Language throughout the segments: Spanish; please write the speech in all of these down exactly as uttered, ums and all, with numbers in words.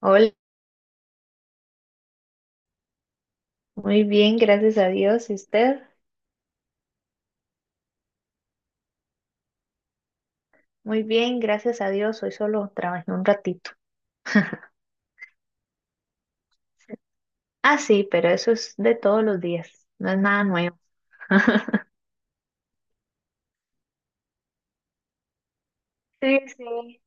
Hola, muy bien, gracias a Dios. ¿Y usted? Muy bien, gracias a Dios. Hoy solo trabajé un ratito. Ah, sí, pero eso es de todos los días, no es nada nuevo. Sí, sí.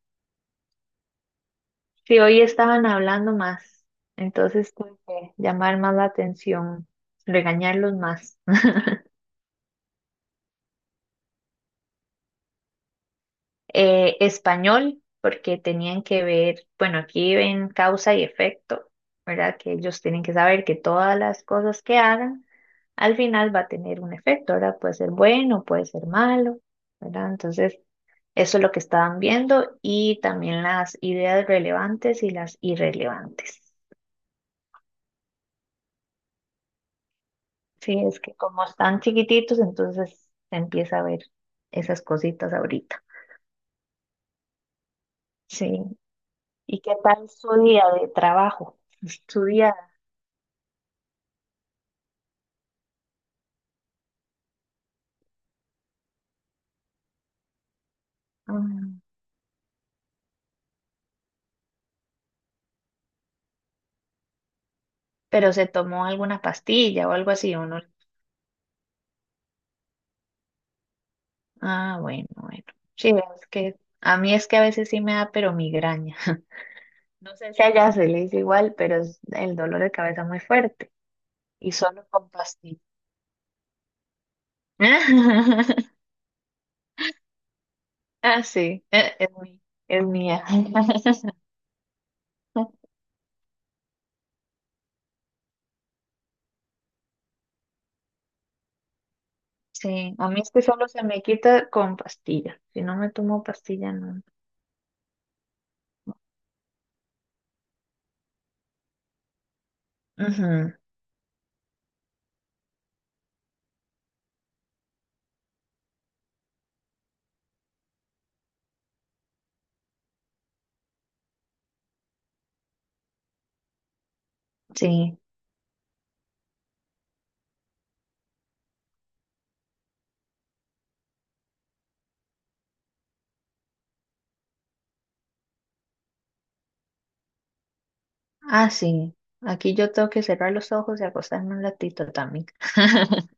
Sí, hoy estaban hablando más, entonces tuve que llamar más la atención, regañarlos más. Eh, español, porque tenían que ver, bueno, aquí ven causa y efecto, ¿verdad? Que ellos tienen que saber que todas las cosas que hagan al final va a tener un efecto, ¿verdad? Puede ser bueno, puede ser malo, ¿verdad? Entonces, eso es lo que estaban viendo y también las ideas relevantes y las irrelevantes. Sí, es que como están chiquititos, entonces se empieza a ver esas cositas ahorita. Sí. ¿Y qué tal su día de trabajo? Su día. Mm, Pero se tomó alguna pastilla o algo así, uno. Ah, bueno, bueno. Sí, es que a mí es que a veces sí me da, pero migraña. No sé si allá se le dice igual, pero es el dolor de cabeza muy fuerte y solo con pastilla. Ah, sí, eh, es, mi- es mía. Sí, a mí es que solo se me quita con pastilla. Si no me tomo pastilla, no. Ujú, sí. Ah, sí. Aquí yo tengo que cerrar los ojos y acostarme un ratito también.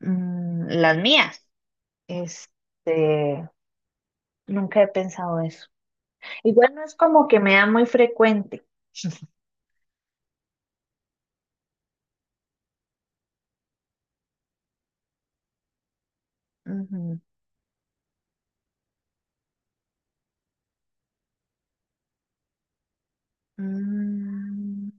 Mm, las mías. Este, Nunca he pensado eso. Igual no es como que me da muy frecuente. Ujú. Mm,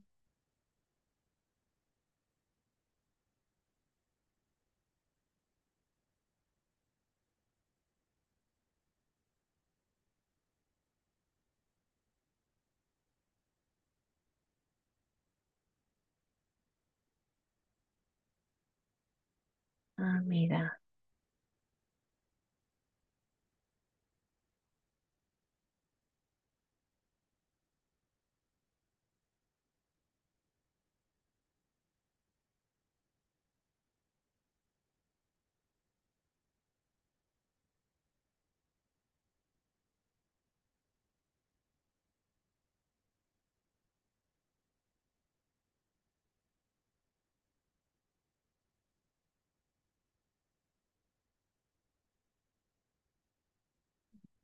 ah, mira.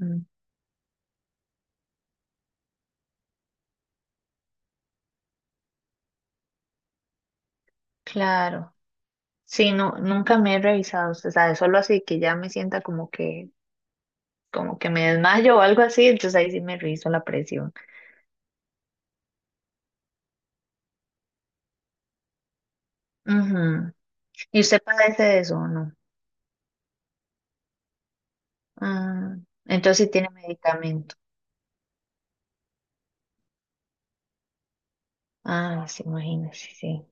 Mm, claro. Sí, no, nunca me he revisado, usted sabe, solo así que ya me sienta como que, como que me desmayo o algo así, entonces ahí sí me reviso la presión. Ujú. ¿Y usted padece de eso o no? Ah, entonces sí tiene medicamento. Ah, sí, imagínese, sí.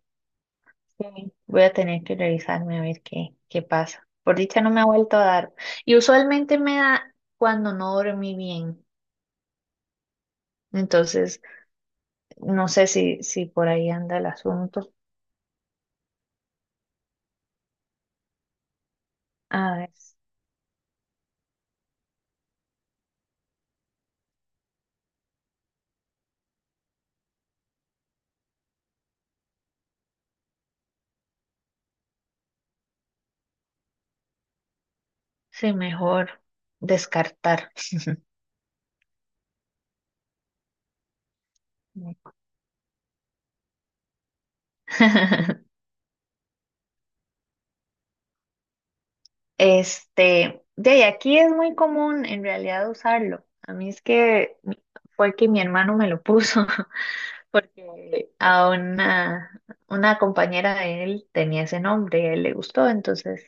Sí, voy a tener que revisarme a ver qué, qué pasa. Por dicha no me ha vuelto a dar. Y usualmente me da cuando no dormí bien. Entonces, no sé si, si por ahí anda el asunto. A ver, sí, mejor descartar. Este, de ahí, aquí es muy común en realidad usarlo. A mí es que fue que mi hermano me lo puso. Porque a una, una compañera de él tenía ese nombre y a él le gustó, entonces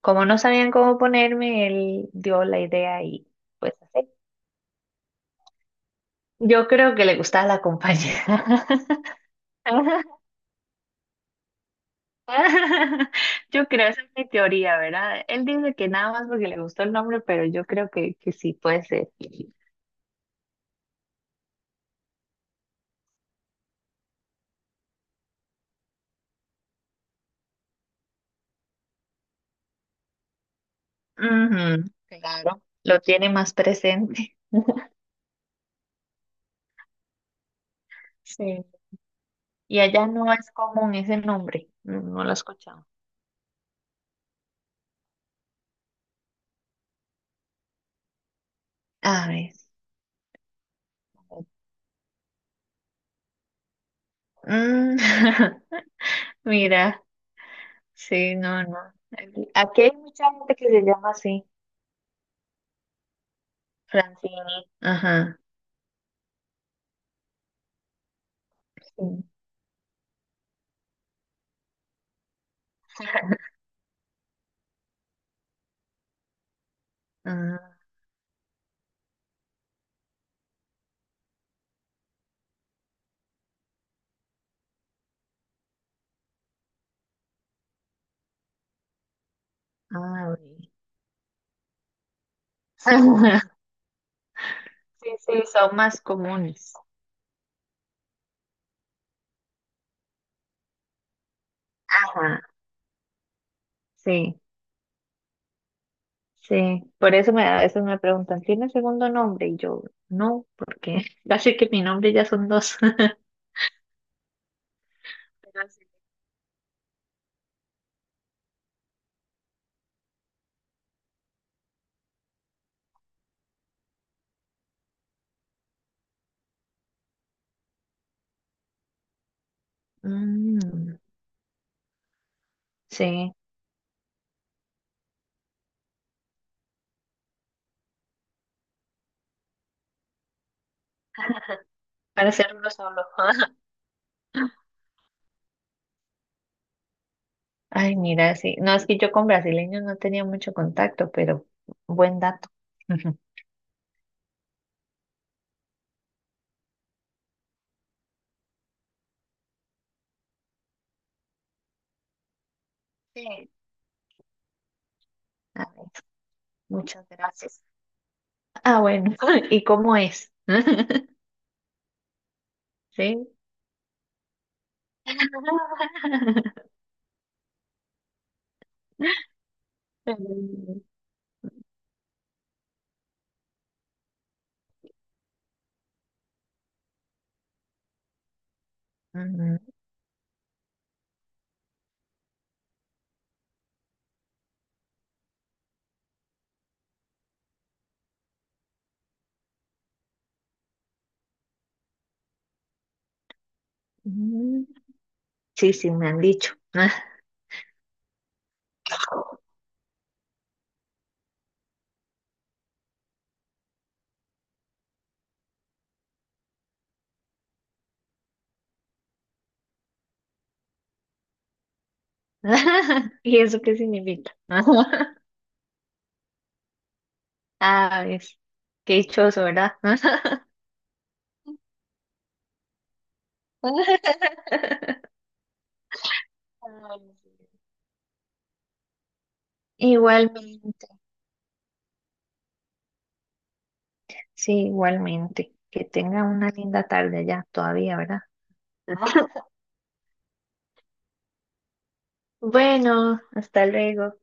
como no sabían cómo ponerme, él dio la idea y pues así. Yo creo que le gustaba la compañera. Yo creo, esa es mi teoría, ¿verdad? Él dice que nada más porque le gustó el nombre, pero yo creo que, que sí puede ser. Ujú, claro, lo tiene más presente. Sí. Y allá no es común ese nombre, no, no lo he escuchado. A ver. Mm. Mira, sí, no, no. Aquí aquí hay mucha gente que se llama así, Francini. Ajá, sí. Ah, ah, ok. Sí, sí, son más comunes. Ajá, sí, sí. Por eso me, a veces me preguntan, ¿tiene segundo nombre? Y yo, no, porque casi que mi nombre ya son dos. Pero sí. Mm, sí, para ser uno solo. Ay, mira, sí. No, es que yo con brasileños no tenía mucho contacto, pero buen dato. Ujú. Sí. A ver, muchas gracias. Ah, bueno. ¿Y cómo es? Sí. Ujú. Ujú. Sí, sí, me han dicho. ¿Y eso qué significa? Ah, es qué dichoso, ¿verdad? Igualmente. Sí, igualmente. Que tenga una linda tarde ya todavía, ¿verdad? Bueno, hasta luego.